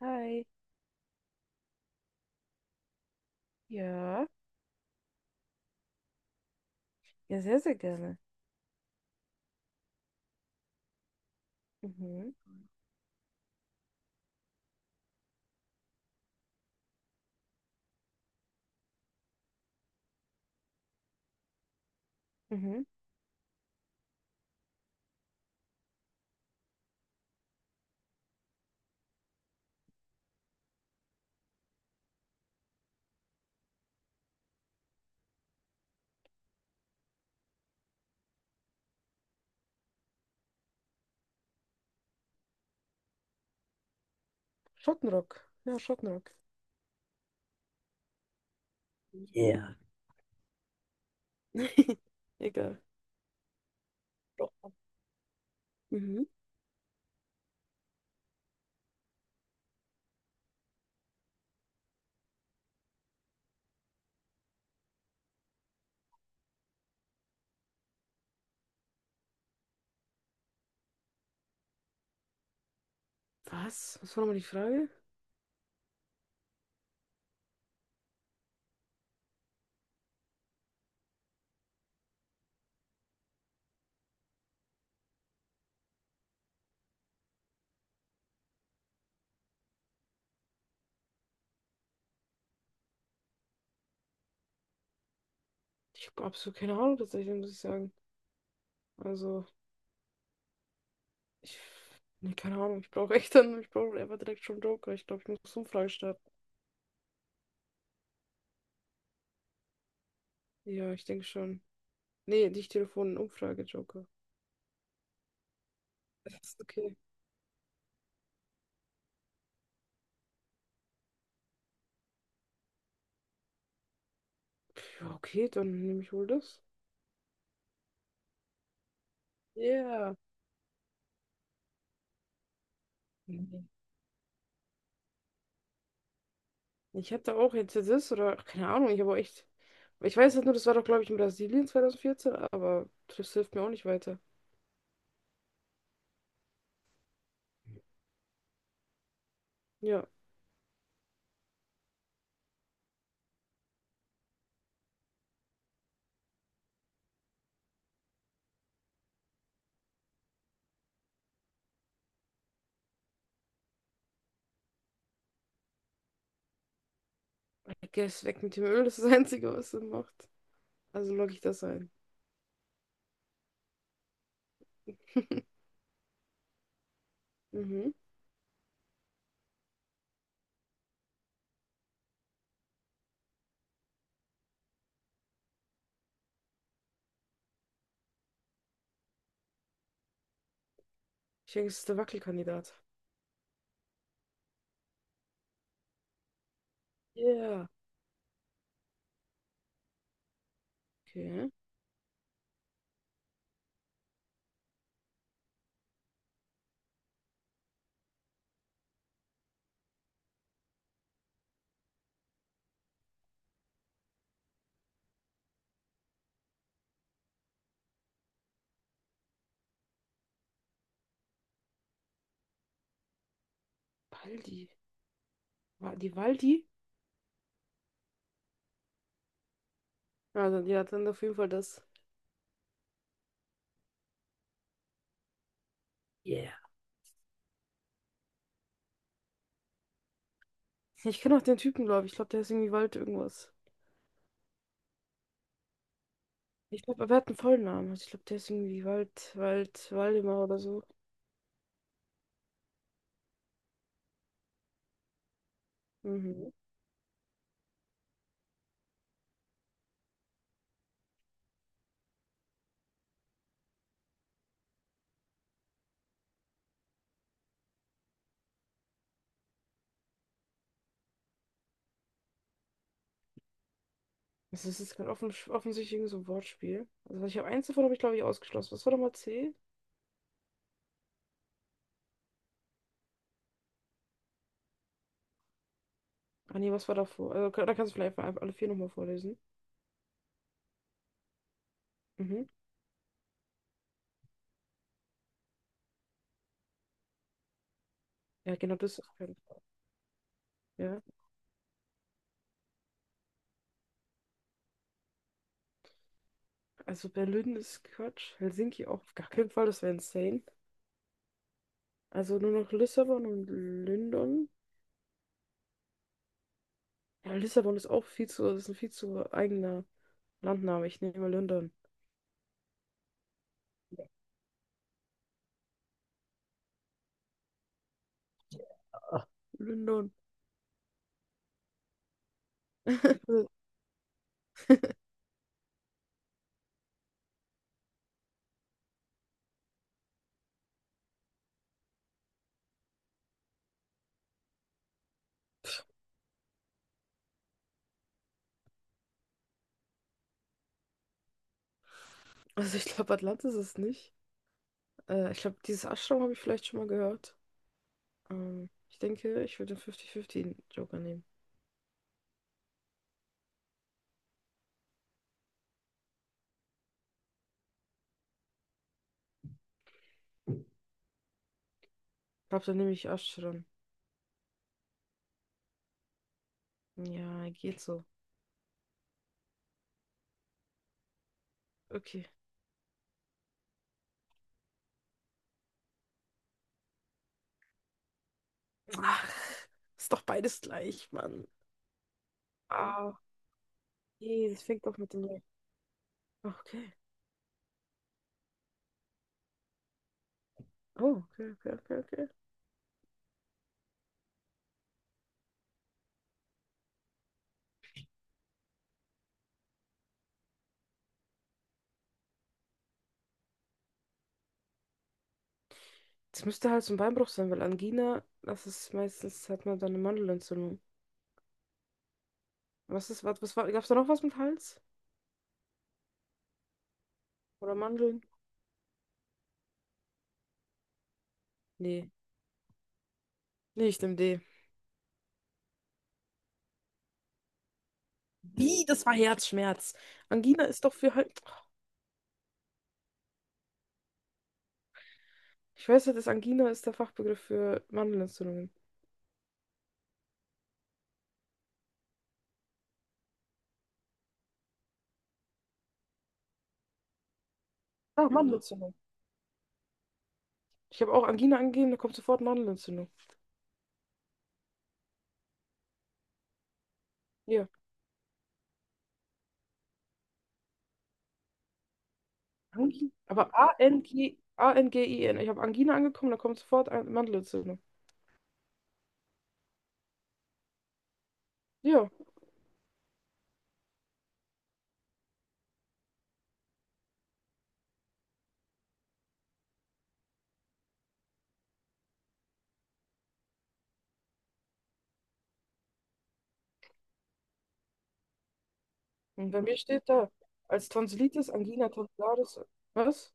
Hi. Ja. Ja, sehr, sehr gerne. Mhm. Mhm. Schottenrock. Ja, Schottenrock. Mhm. Ja. Egal. Doch. Mhm. Was? Was war nochmal die Frage? Ich habe absolut keine Ahnung tatsächlich, muss ich sagen. Also, ich. Nee, keine Ahnung. Ich brauche echt dann. Ich brauche einfach direkt schon Joker. Ich glaube, ich muss Umfrage starten. Ja, ich denke schon. Nee, nicht Telefon, Umfrage, Joker. Das ist okay. Ja, okay, dann nehme ich wohl das. Ja. Yeah. Ich hatte auch jetzt das oder ach, keine Ahnung, ich habe auch echt. Ich weiß halt nur, das war doch, glaube ich, in Brasilien 2014, aber das hilft mir auch nicht weiter. Ja, I guess weg mit dem Öl, das ist das Einzige, was Sinn macht. Also logge ich das ein. Mhm. Ich denke, es ist der Wackelkandidat. Ja, yeah. Okay. Baldi. Die Waldi? Ja, dann auf jeden Fall das. Yeah. Ich kenne auch den Typen, glaube ich. Ich glaube, der ist irgendwie Wald irgendwas. Ich glaube, er hat einen vollen Namen. Also ich glaube, der ist irgendwie Waldemar oder so. Mhm. Das ist jetzt kein offensichtlich irgend so ein Wortspiel. Also ich habe eins davon, habe ich glaube ich ausgeschlossen. Was war nochmal C? Ah nee, was war davor? Also, da kannst du vielleicht einfach alle vier nochmal vorlesen. Mhm. Ja, genau, das ist kein. Ja, also Berlin ist Quatsch. Helsinki auch auf gar keinen Fall, das wäre insane. Also nur noch Lissabon und London. Ja, Lissabon ist auch viel zu, das ist ein viel zu eigener Landname. Ich nehme mal London. London. Also ich glaube, Atlantis ist es nicht. Ich glaube, dieses Ashram habe ich vielleicht schon mal gehört. Ich denke, ich würde den 50-50-Joker nehmen. Ich glaube, dann nehme ich Ashram. Ja, geht so. Okay. Ach, ist doch beides gleich, Mann. Ah, nee, das fängt doch mit dem gleichen. Okay. Oh, okay, okay, okay, okay. Das müsste halt so ein Beinbruch sein, weil Angina, das ist meistens, hat man dann eine Mandelentzündung. Was war, gab's da noch was mit Hals? Oder Mandeln? Nee. Nee, ich nehme D. Wie? Das war Herzschmerz. Angina ist doch für halt. Ich weiß ja, dass Angina ist der Fachbegriff für Mandelentzündung. Ah, Mandelentzündung. Ich habe auch Angina angegeben, da kommt sofort Mandelentzündung. Hier. Angina. Aber A-N-G-I-N. Ich habe Angina angekommen, da kommt sofort Mandelentzündung. Ja. Und bei mir steht da als Tonsillitis, Angina tonsillaris. Was?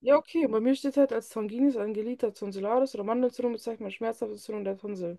Ja, okay. Und bei mir steht halt als Tonginis, Angelita tonsillaris oder Mandelentzündung bezeichnet man schmerzhafte Entzündung der Tonsil.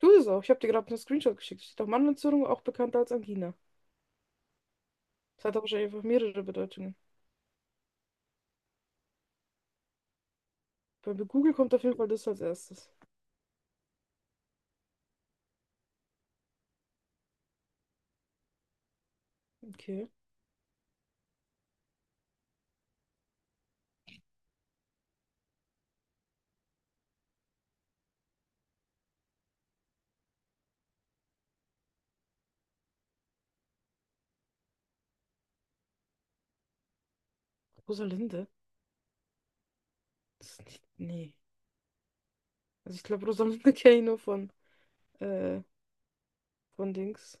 Du es auch. Ich habe dir gerade einen Screenshot geschickt. Steht auch Mandelentzündung, auch bekannt als Angina. Das hat aber wahrscheinlich einfach mehrere Bedeutungen. Bei Google kommt auf jeden Fall das als erstes. Okay. Rosalinde? Das ist nicht. Nee. Also ich glaube, Rosamunde kenne ich nur äh, von Dings.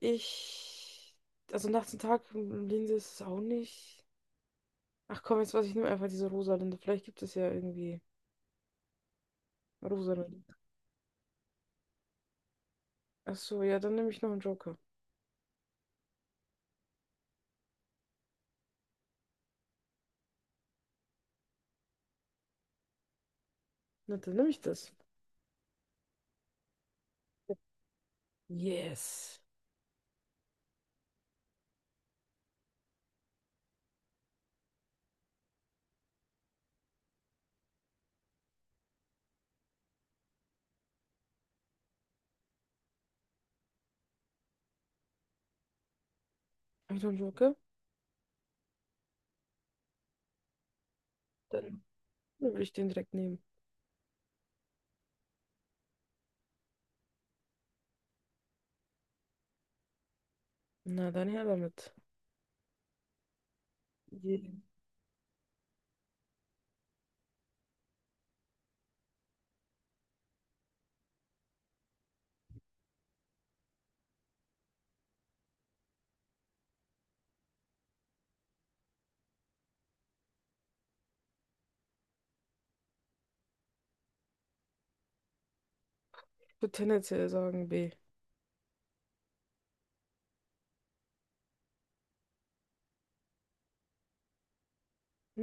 Ich, also nachts und Tag, Linse ist es auch nicht. Ach komm, jetzt weiß ich nur einfach diese Rosalinde. Vielleicht gibt es ja irgendwie Rosalinde. Ach so, ja, dann nehme ich noch einen Joker. Na, dann nehme ich das. Yes. Habe ich noch einen Joker? Dann würde ich den direkt nehmen. Na, dann her damit. Je- Ich würde tendenziell sagen B.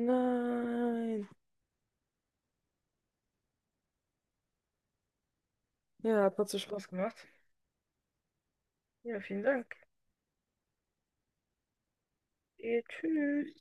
Nein. Ja, hat trotzdem Spaß gemacht. Ja, vielen Dank. Tschüss.